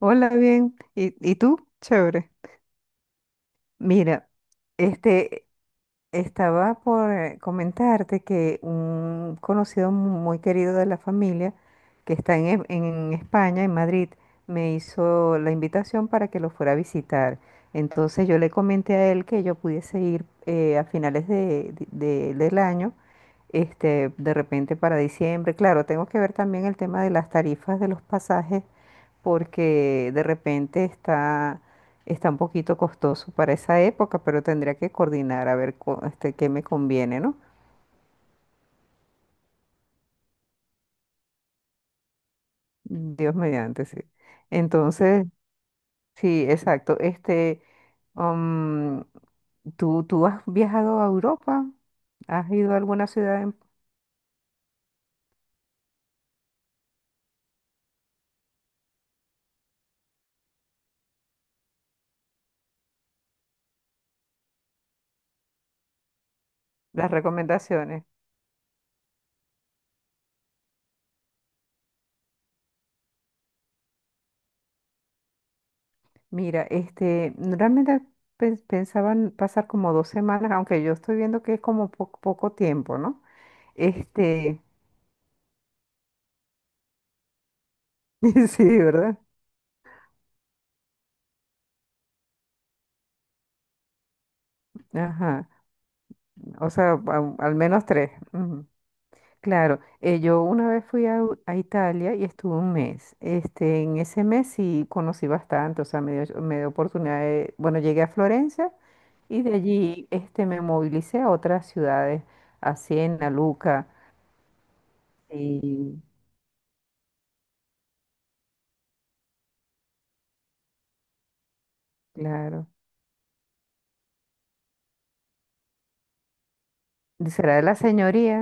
Hola, bien. ¿Y tú? Chévere. Mira, este, estaba por comentarte que un conocido muy querido de la familia que está en España, en Madrid, me hizo la invitación para que lo fuera a visitar. Entonces yo le comenté a él que yo pudiese ir a finales del año, de repente para diciembre. Claro, tengo que ver también el tema de las tarifas de los pasajes porque de repente está un poquito costoso para esa época, pero tendría que coordinar a ver qué me conviene, ¿no? Dios mediante, sí. Entonces, sí, exacto. Um, ¿tú has viajado a Europa? ¿Has ido a alguna ciudad? Las recomendaciones. Mira, realmente pensaban pasar como dos semanas, aunque yo estoy viendo que es como poco tiempo, ¿no? Este, sí, ¿verdad? Ajá. O sea, al menos tres. Ujú. Claro, yo una vez fui a Italia y estuve un mes. En ese mes sí conocí bastante, o sea, me dio oportunidad de, bueno, llegué a Florencia y de allí me movilicé a otras ciudades, a Siena, Luca, y claro. ¿Será de la Señoría?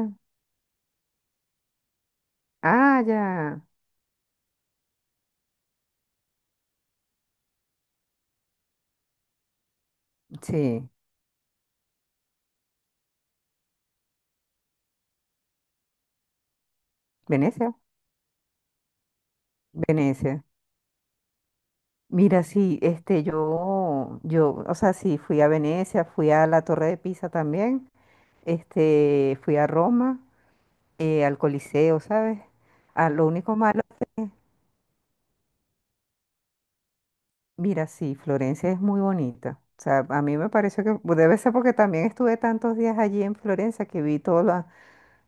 Ah, ya. Sí. Venecia. Venecia. Mira, sí, yo, o sea, sí, fui a Venecia, fui a la Torre de Pisa también. Fui a Roma, al Coliseo, ¿sabes? Ah, lo único malo es que, mira, sí, Florencia es muy bonita. O sea, a mí me pareció que pues, debe ser porque también estuve tantos días allí en Florencia que vi todos la-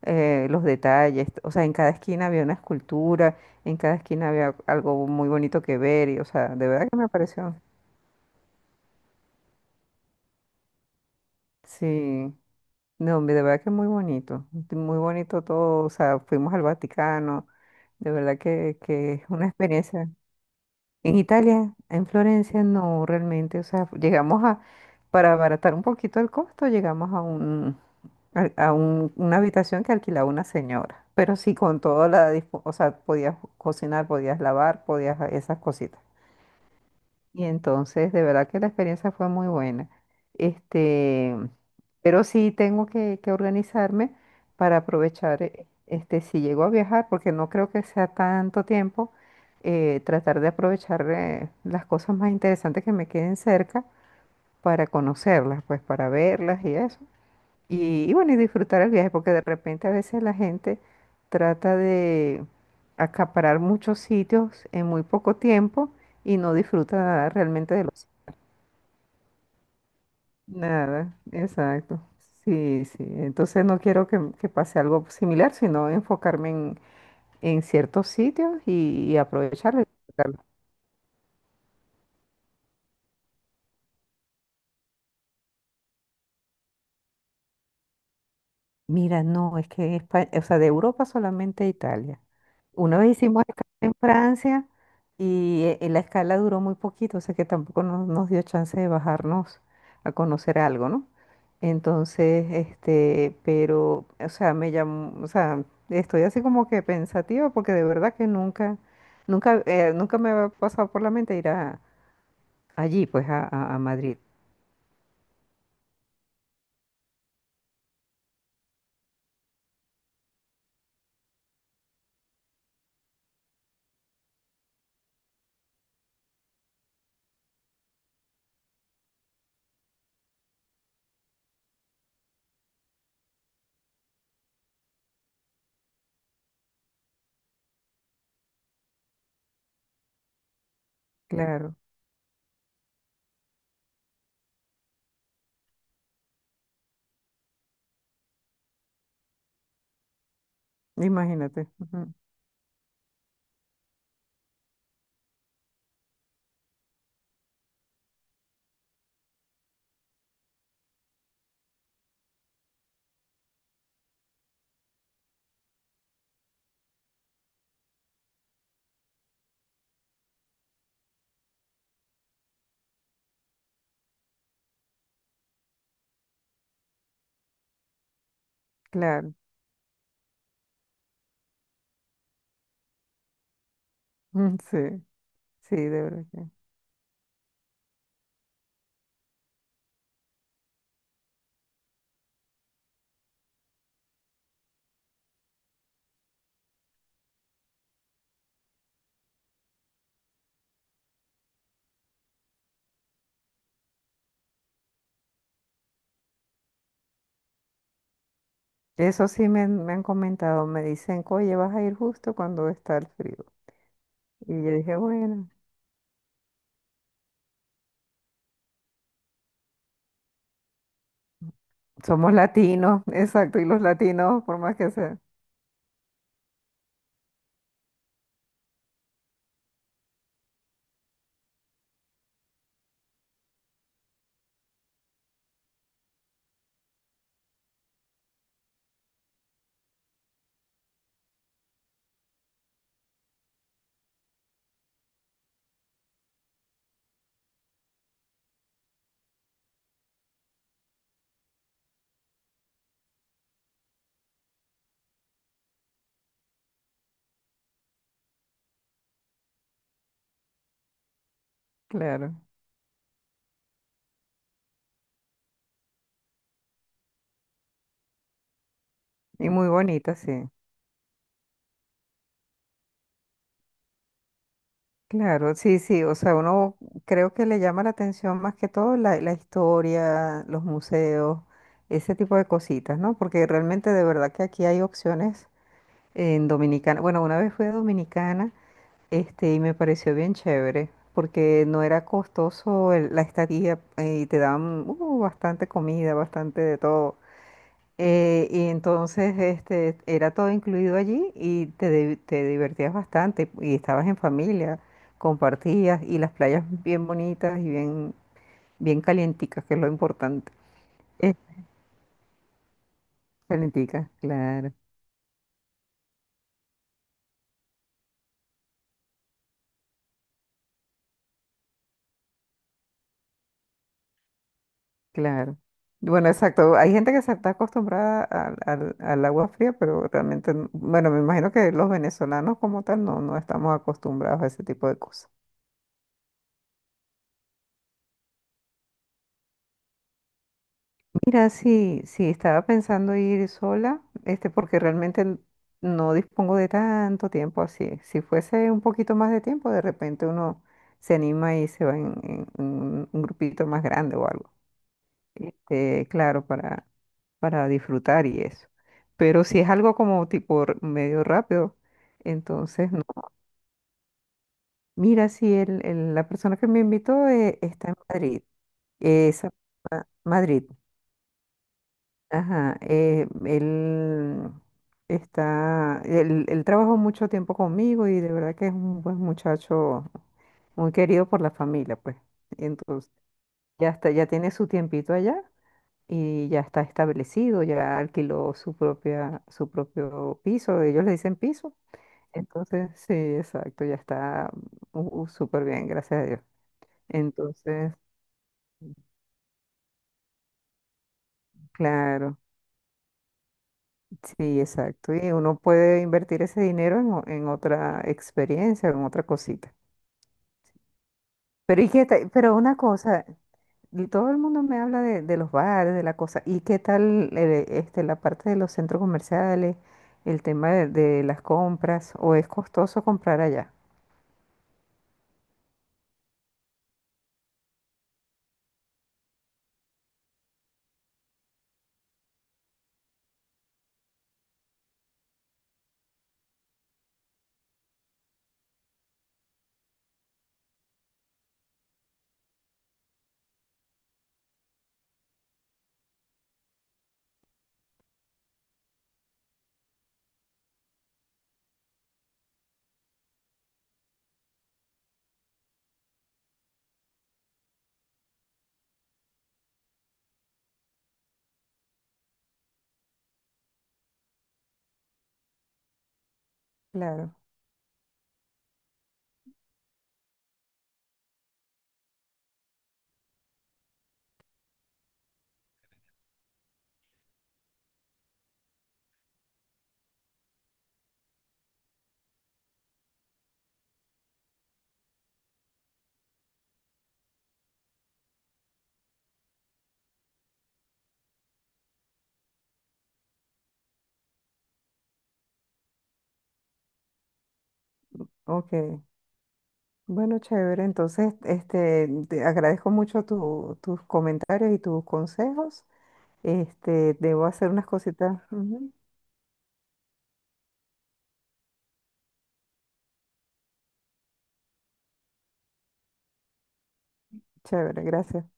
eh, los detalles. O sea, en cada esquina había una escultura, en cada esquina había algo muy bonito que ver. Y, o sea, de verdad que me pareció. Sí, no, hombre, de verdad que muy bonito. Muy bonito todo. O sea, fuimos al Vaticano. De verdad que es una experiencia. En Italia, en Florencia, no realmente. O sea, llegamos a, para abaratar un poquito el costo, llegamos a una habitación que alquilaba una señora. Pero sí, con toda o sea, podías cocinar, podías lavar, podías esas cositas. Y entonces, de verdad que la experiencia fue muy buena. Este, pero sí tengo que organizarme para aprovechar, si llego a viajar, porque no creo que sea tanto tiempo, tratar de aprovechar las cosas más interesantes que me queden cerca para conocerlas, pues para verlas y eso. Y bueno, y disfrutar el viaje, porque de repente a veces la gente trata de acaparar muchos sitios en muy poco tiempo y no disfruta realmente de los. Nada, exacto. Sí, sí. Entonces no quiero que pase algo similar, sino enfocarme en ciertos sitios y aprovecharlos. Mira, no, es que España, o sea, de Europa solamente a Italia. Una vez hicimos escala en Francia y la escala duró muy poquito, o sea que tampoco nos dio chance de bajarnos a conocer algo, ¿no? Entonces, pero, o sea, me llamó, o sea, estoy así como que pensativa porque de verdad que nunca, nunca, nunca me había pasado por la mente ir allí, pues, a Madrid. Claro, imagínate. Ujú. Claro, sí, sí, de verdad. Eso sí me han comentado, me dicen, oye, vas a ir justo cuando está el frío. Y yo dije, bueno, somos latinos, exacto, y los latinos, por más que sea, claro, y muy bonita, sí, claro, sí, sí, o sea, uno creo que le llama la atención más que todo la historia, los museos, ese tipo de cositas, ¿no? Porque realmente de verdad que aquí hay opciones en Dominicana. Bueno, una vez fui a Dominicana. Y me pareció bien chévere, porque no era costoso la estadía y te daban bastante comida, bastante de todo. Y entonces era todo incluido allí y te divertías bastante y estabas en familia, compartías y las playas bien bonitas y bien, bien calienticas, que es lo importante. Es calientica, claro. Claro. Bueno, exacto. Hay gente que se está acostumbrada al agua fría, pero realmente, bueno, me imagino que los venezolanos como tal no estamos acostumbrados a ese tipo de cosas. Mira, sí, sí, estaba pensando ir sola, porque realmente no dispongo de tanto tiempo así. Si fuese un poquito más de tiempo, de repente uno se anima y se va en un grupito más grande o algo. Claro, para disfrutar y eso. Pero si es algo como tipo medio rápido, entonces no. Mira, si la persona que me invitó está en Madrid, esa, ma- Madrid, ajá, él trabajó mucho tiempo conmigo y de verdad que es un buen muchacho, muy querido por la familia, pues. Entonces, ya está, ya tiene su tiempito allá y ya está establecido, ya alquiló su propia, su propio piso, ellos le dicen piso. Entonces, sí, exacto, ya está súper bien, gracias a Dios. Entonces, claro, sí, exacto. Y uno puede invertir ese dinero en otra experiencia, en otra cosita. Pero, una cosa. Y todo el mundo me habla de los bares, de la cosa. ¿Y qué tal la parte de los centros comerciales, el tema de las compras? ¿O es costoso comprar allá? Claro, ok. Bueno, chévere. Entonces, te agradezco mucho tus comentarios y tus consejos. Debo hacer unas cositas. Ujú. Chévere, gracias.